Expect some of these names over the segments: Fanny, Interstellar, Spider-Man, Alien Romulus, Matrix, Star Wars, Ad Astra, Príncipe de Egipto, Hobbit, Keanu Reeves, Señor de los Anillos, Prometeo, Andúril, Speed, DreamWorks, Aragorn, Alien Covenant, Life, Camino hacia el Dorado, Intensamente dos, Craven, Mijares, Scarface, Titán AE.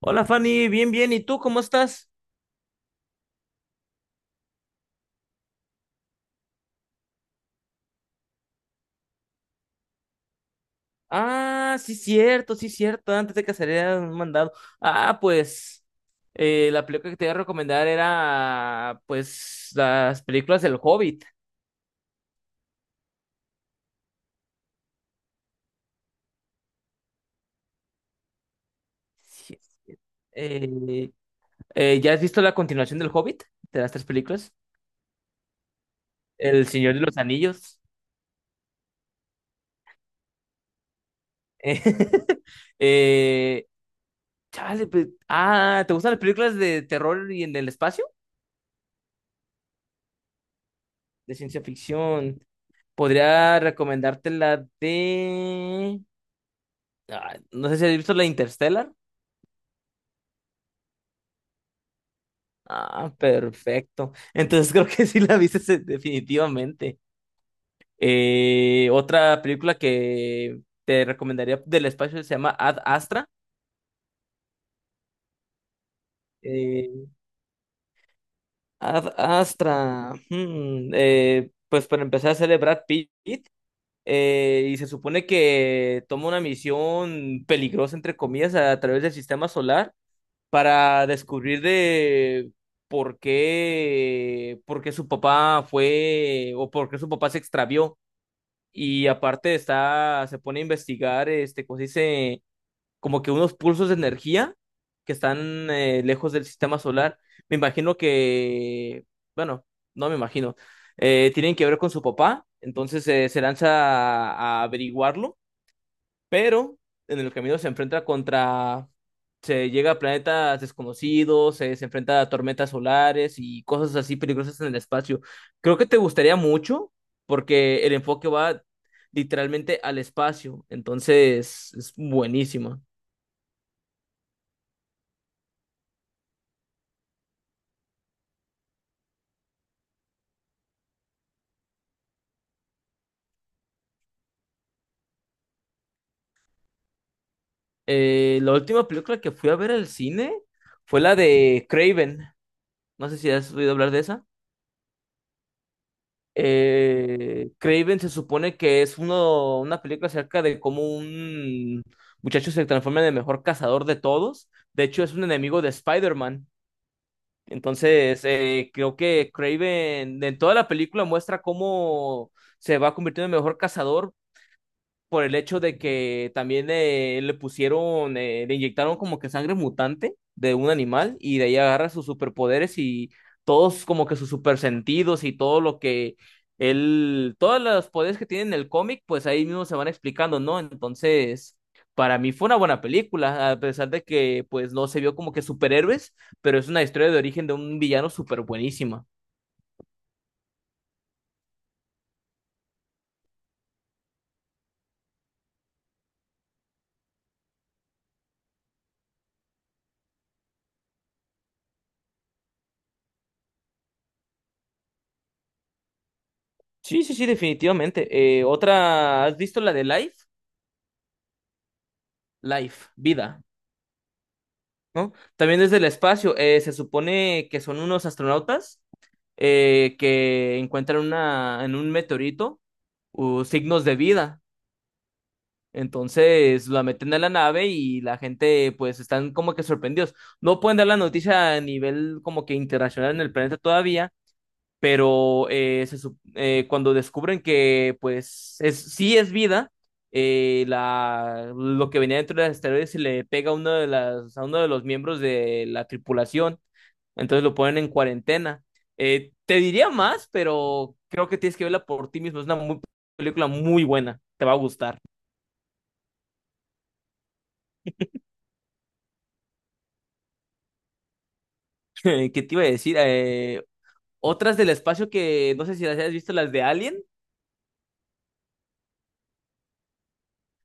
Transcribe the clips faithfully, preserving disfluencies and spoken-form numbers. Hola Fanny, bien, bien, ¿y tú cómo estás? Ah, sí, cierto, sí, cierto, antes de que saliera un mandado. Ah, pues eh, la película que te iba a recomendar era, pues, las películas del Hobbit. Sí, sí. Eh, eh, ¿ya has visto la continuación del Hobbit? De las tres películas. El Señor de los Anillos. Eh, eh, chale, pues, ah, ¿te gustan las películas de terror y en el espacio? De ciencia ficción. Podría recomendarte la de... ah, no sé si has visto la Interstellar. Ah, perfecto. Entonces creo que sí la viste se- definitivamente. Eh, otra película que te recomendaría del espacio se llama Ad Astra. Eh, Ad Astra. hmm, eh, pues para empezar a celebrar Pitt. Eh, y se supone que toma una misión peligrosa, entre comillas, a través del sistema solar para descubrir de por qué, por qué su papá fue o por qué su papá se extravió. Y aparte está, se pone a investigar, este, como se dice, como que unos pulsos de energía que están eh, lejos del sistema solar. Me imagino que, bueno, no me imagino, eh, tienen que ver con su papá. Entonces eh, se lanza a, a averiguarlo, pero en el camino se enfrenta contra se llega a planetas desconocidos, se, se enfrenta a tormentas solares y cosas así peligrosas en el espacio. Creo que te gustaría mucho porque el enfoque va literalmente al espacio, entonces es buenísima. Eh, la última película que fui a ver al cine fue la de Craven. No sé si has oído hablar de esa. Eh, Craven se supone que es uno, una película acerca de cómo un muchacho se transforma en el mejor cazador de todos. De hecho, es un enemigo de Spider-Man. Entonces, eh, creo que Craven en toda la película muestra cómo se va convirtiendo en el mejor cazador por el hecho de que también eh, le pusieron, eh, le inyectaron como que sangre mutante de un animal y de ahí agarra sus superpoderes y todos como que sus supersentidos y todo lo que él, todos los poderes que tiene en el cómic, pues ahí mismo se van explicando, ¿no? Entonces, para mí fue una buena película, a pesar de que pues no se vio como que superhéroes, pero es una historia de origen de un villano súper buenísima. Sí, sí, sí, definitivamente. Eh, otra, ¿has visto la de Life? Life, vida. ¿No? También desde el espacio, eh, se supone que son unos astronautas eh, que encuentran una, en un meteorito uh, signos de vida. Entonces la meten a la nave y la gente pues están como que sorprendidos. No pueden dar la noticia a nivel como que internacional en el planeta todavía, pero eh, se sup- eh, cuando descubren que pues es, sí es vida, eh, la, lo que venía dentro de las asteroides se le pega a uno de las, a uno de los miembros de la tripulación, entonces lo ponen en cuarentena. Eh, te diría más, pero creo que tienes que verla por ti mismo. Es una muy- película muy buena, te va a gustar. ¿Qué te iba a decir? Eh, otras del espacio que no sé si las hayas visto, las de Alien.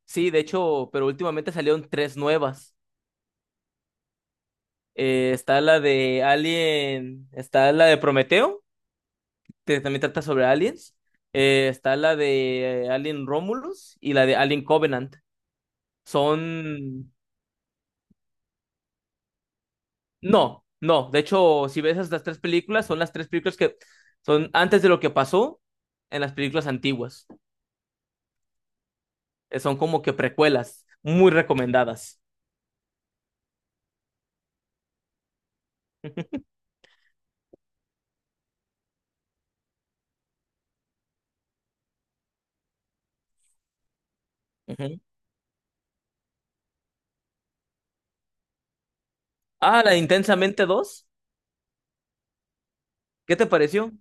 Sí, de hecho, pero últimamente salieron tres nuevas. Eh, está la de Alien, está la de Prometeo, que también trata sobre aliens. Eh, está la de eh, Alien Romulus y la de Alien Covenant. Son... No, no. De hecho, si ves estas tres películas, son las tres películas que son antes de lo que pasó en las películas antiguas. Eh, son como que precuelas, muy recomendadas. Ujú. Ah, la de Intensamente dos, ¿qué te pareció?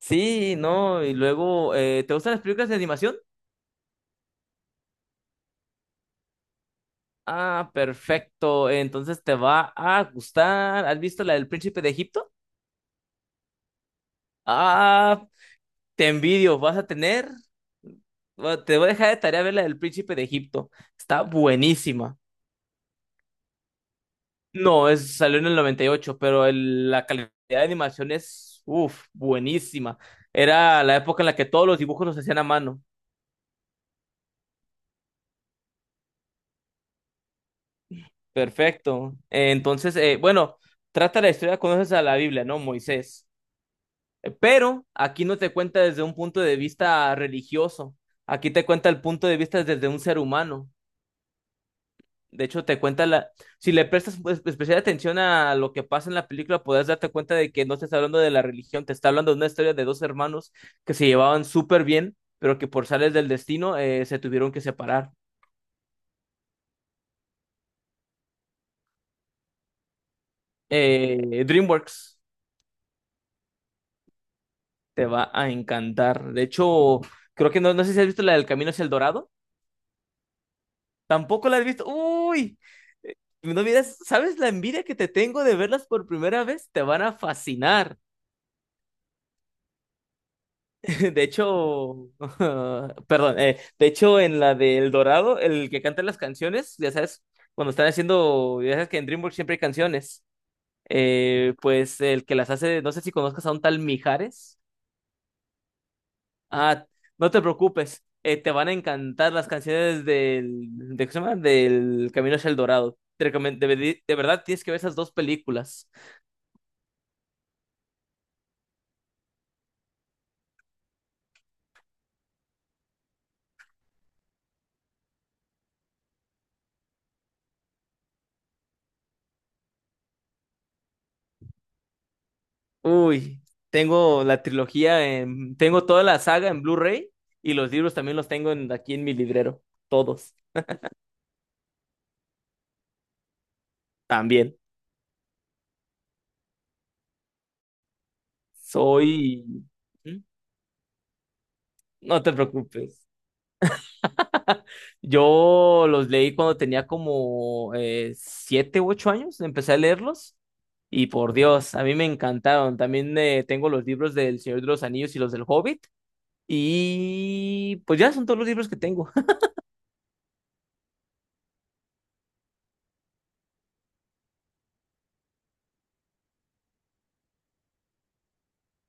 Sí, no. Y luego, eh, ¿te gustan las películas de animación? Ah, perfecto. Entonces te va a gustar. ¿Has visto la del Príncipe de Egipto? Ah, te envidio. Vas a tener. Bueno, te voy a dejar de tarea ver la del Príncipe de Egipto. Está buenísima. No, es, salió en el noventa y ocho, pero el- la calidad de animación es, uff, buenísima. Era la época en la que todos los dibujos los hacían a mano. Perfecto. Eh, Entonces, eh, bueno, trata la historia, conoces a la Biblia, ¿no? Moisés. Eh, Pero aquí no te cuenta desde un punto de vista religioso, aquí te cuenta el punto de vista desde un ser humano. De hecho, te cuenta la... Si le prestas pues, especial atención a lo que pasa en la película, podrás darte cuenta de que no te está hablando de la religión, te está hablando de una historia de dos hermanos que se llevaban súper bien, pero que por sales del destino eh, se tuvieron que separar. Eh, DreamWorks te va a encantar. De hecho, creo que no, no sé si has visto la del Camino hacia el Dorado. Tampoco la has visto. Uy, eh, no miras, ¿sabes la envidia que te tengo de verlas por primera vez? Te van a fascinar. De hecho, perdón, eh, de hecho en la de El Dorado, el que canta las canciones, ya sabes, cuando están haciendo, ya sabes que en DreamWorks siempre hay canciones. Eh, pues el que las hace, no sé si conozcas a un tal Mijares. Ah, no te preocupes, eh, te van a encantar las canciones del, de, ¿cómo se llama? Del Camino hacia el Dorado. Te recomen- de, veri- de verdad tienes que ver esas dos películas. Uy, tengo la trilogía, en- tengo toda la saga en Blu-ray y los libros también los tengo en- aquí en mi librero, todos, también. Soy... ¿Mm? No te preocupes. Yo los leí cuando tenía como eh, siete u ocho años, empecé a leerlos y por Dios, a mí me encantaron. También eh, tengo los libros del Señor de los Anillos y los del Hobbit y pues ya son todos los libros que tengo.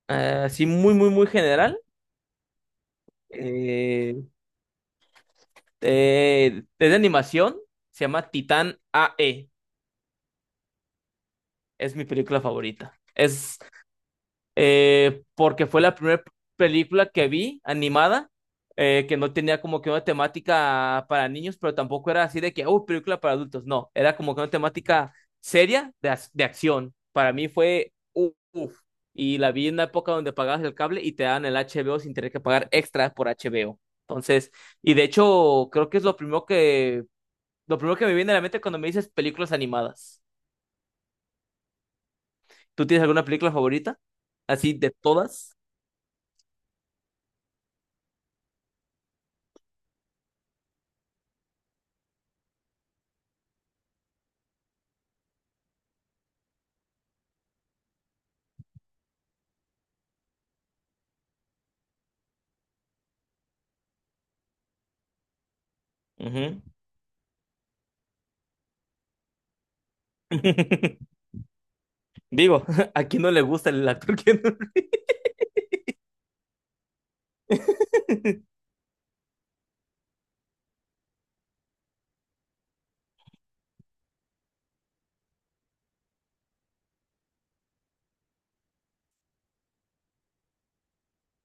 Así muy, muy, muy general. Eh, eh, es de animación, se llama Titán A E, es mi película favorita. Es eh, porque fue la primera película que vi animada, eh, que no tenía como que una temática para niños, pero tampoco era así de que, oh, película para adultos, no, era como que una temática seria de, ac- de acción. Para mí fue, u- uf, y la vi en una época donde pagabas el cable y te daban el H B O sin tener que pagar extra por H B O. Entonces, y de hecho, creo que es lo primero que, lo primero que me viene a la mente cuando me dices películas animadas. ¿Tú tienes alguna película favorita? Así de todas. Ujú. Digo, ¿a quién no le gusta el actor Keanu Reeves?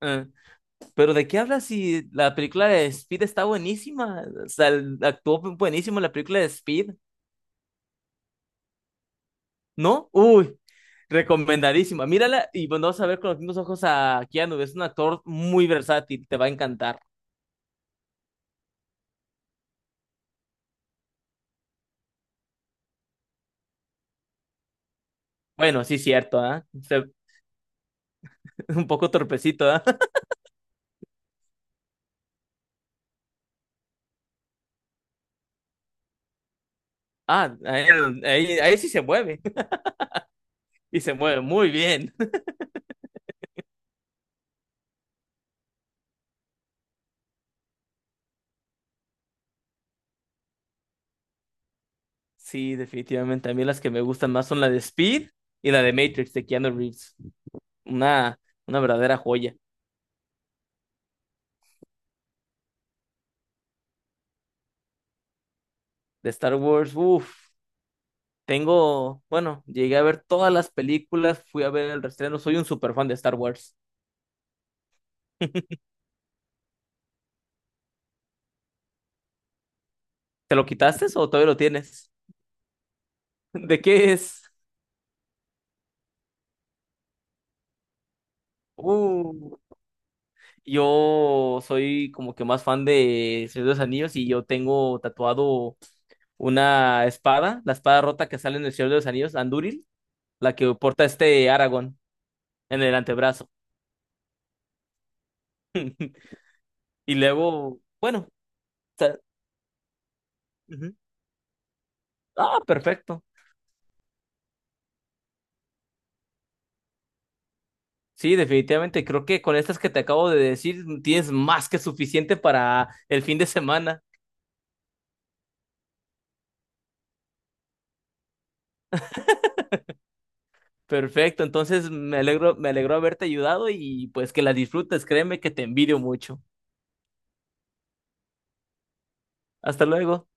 Ah, pero ¿de qué hablas si la película de Speed está buenísima? O sea, el- actuó buenísimo en la película de Speed, ¿no? Uy, recomendadísima. Mírala y bueno, vas a ver con los mismos ojos a Keanu. Es un actor muy versátil, te va a encantar. Bueno, sí, cierto, ¿ah? Se- Un poco torpecito, ¿ah? Ah, ahí, ahí- ahí sí se mueve. Y se mueve muy bien. Sí, definitivamente. A mí las que me gustan más son la de Speed y la de Matrix de Keanu Reeves. una, una verdadera joya. De Star Wars, uf, tengo, bueno, llegué a ver todas las películas, fui a ver el reestreno, soy un super fan de Star Wars. ¿Te lo quitaste o todavía lo tienes? ¿De qué es? Uh, yo soy como que más fan de Señor de los Anillos y yo tengo tatuado una espada, la espada rota que sale en el Señor de los Anillos, Andúril, la que porta este Aragorn en el antebrazo. Y luego, bueno, ta- ujú. Ah, perfecto. Sí, definitivamente. Creo que con estas que te acabo de decir tienes más que suficiente para el fin de semana. Perfecto. Entonces me alegro, me alegro haberte ayudado y pues que las disfrutes. Créeme que te envidio mucho. Hasta luego.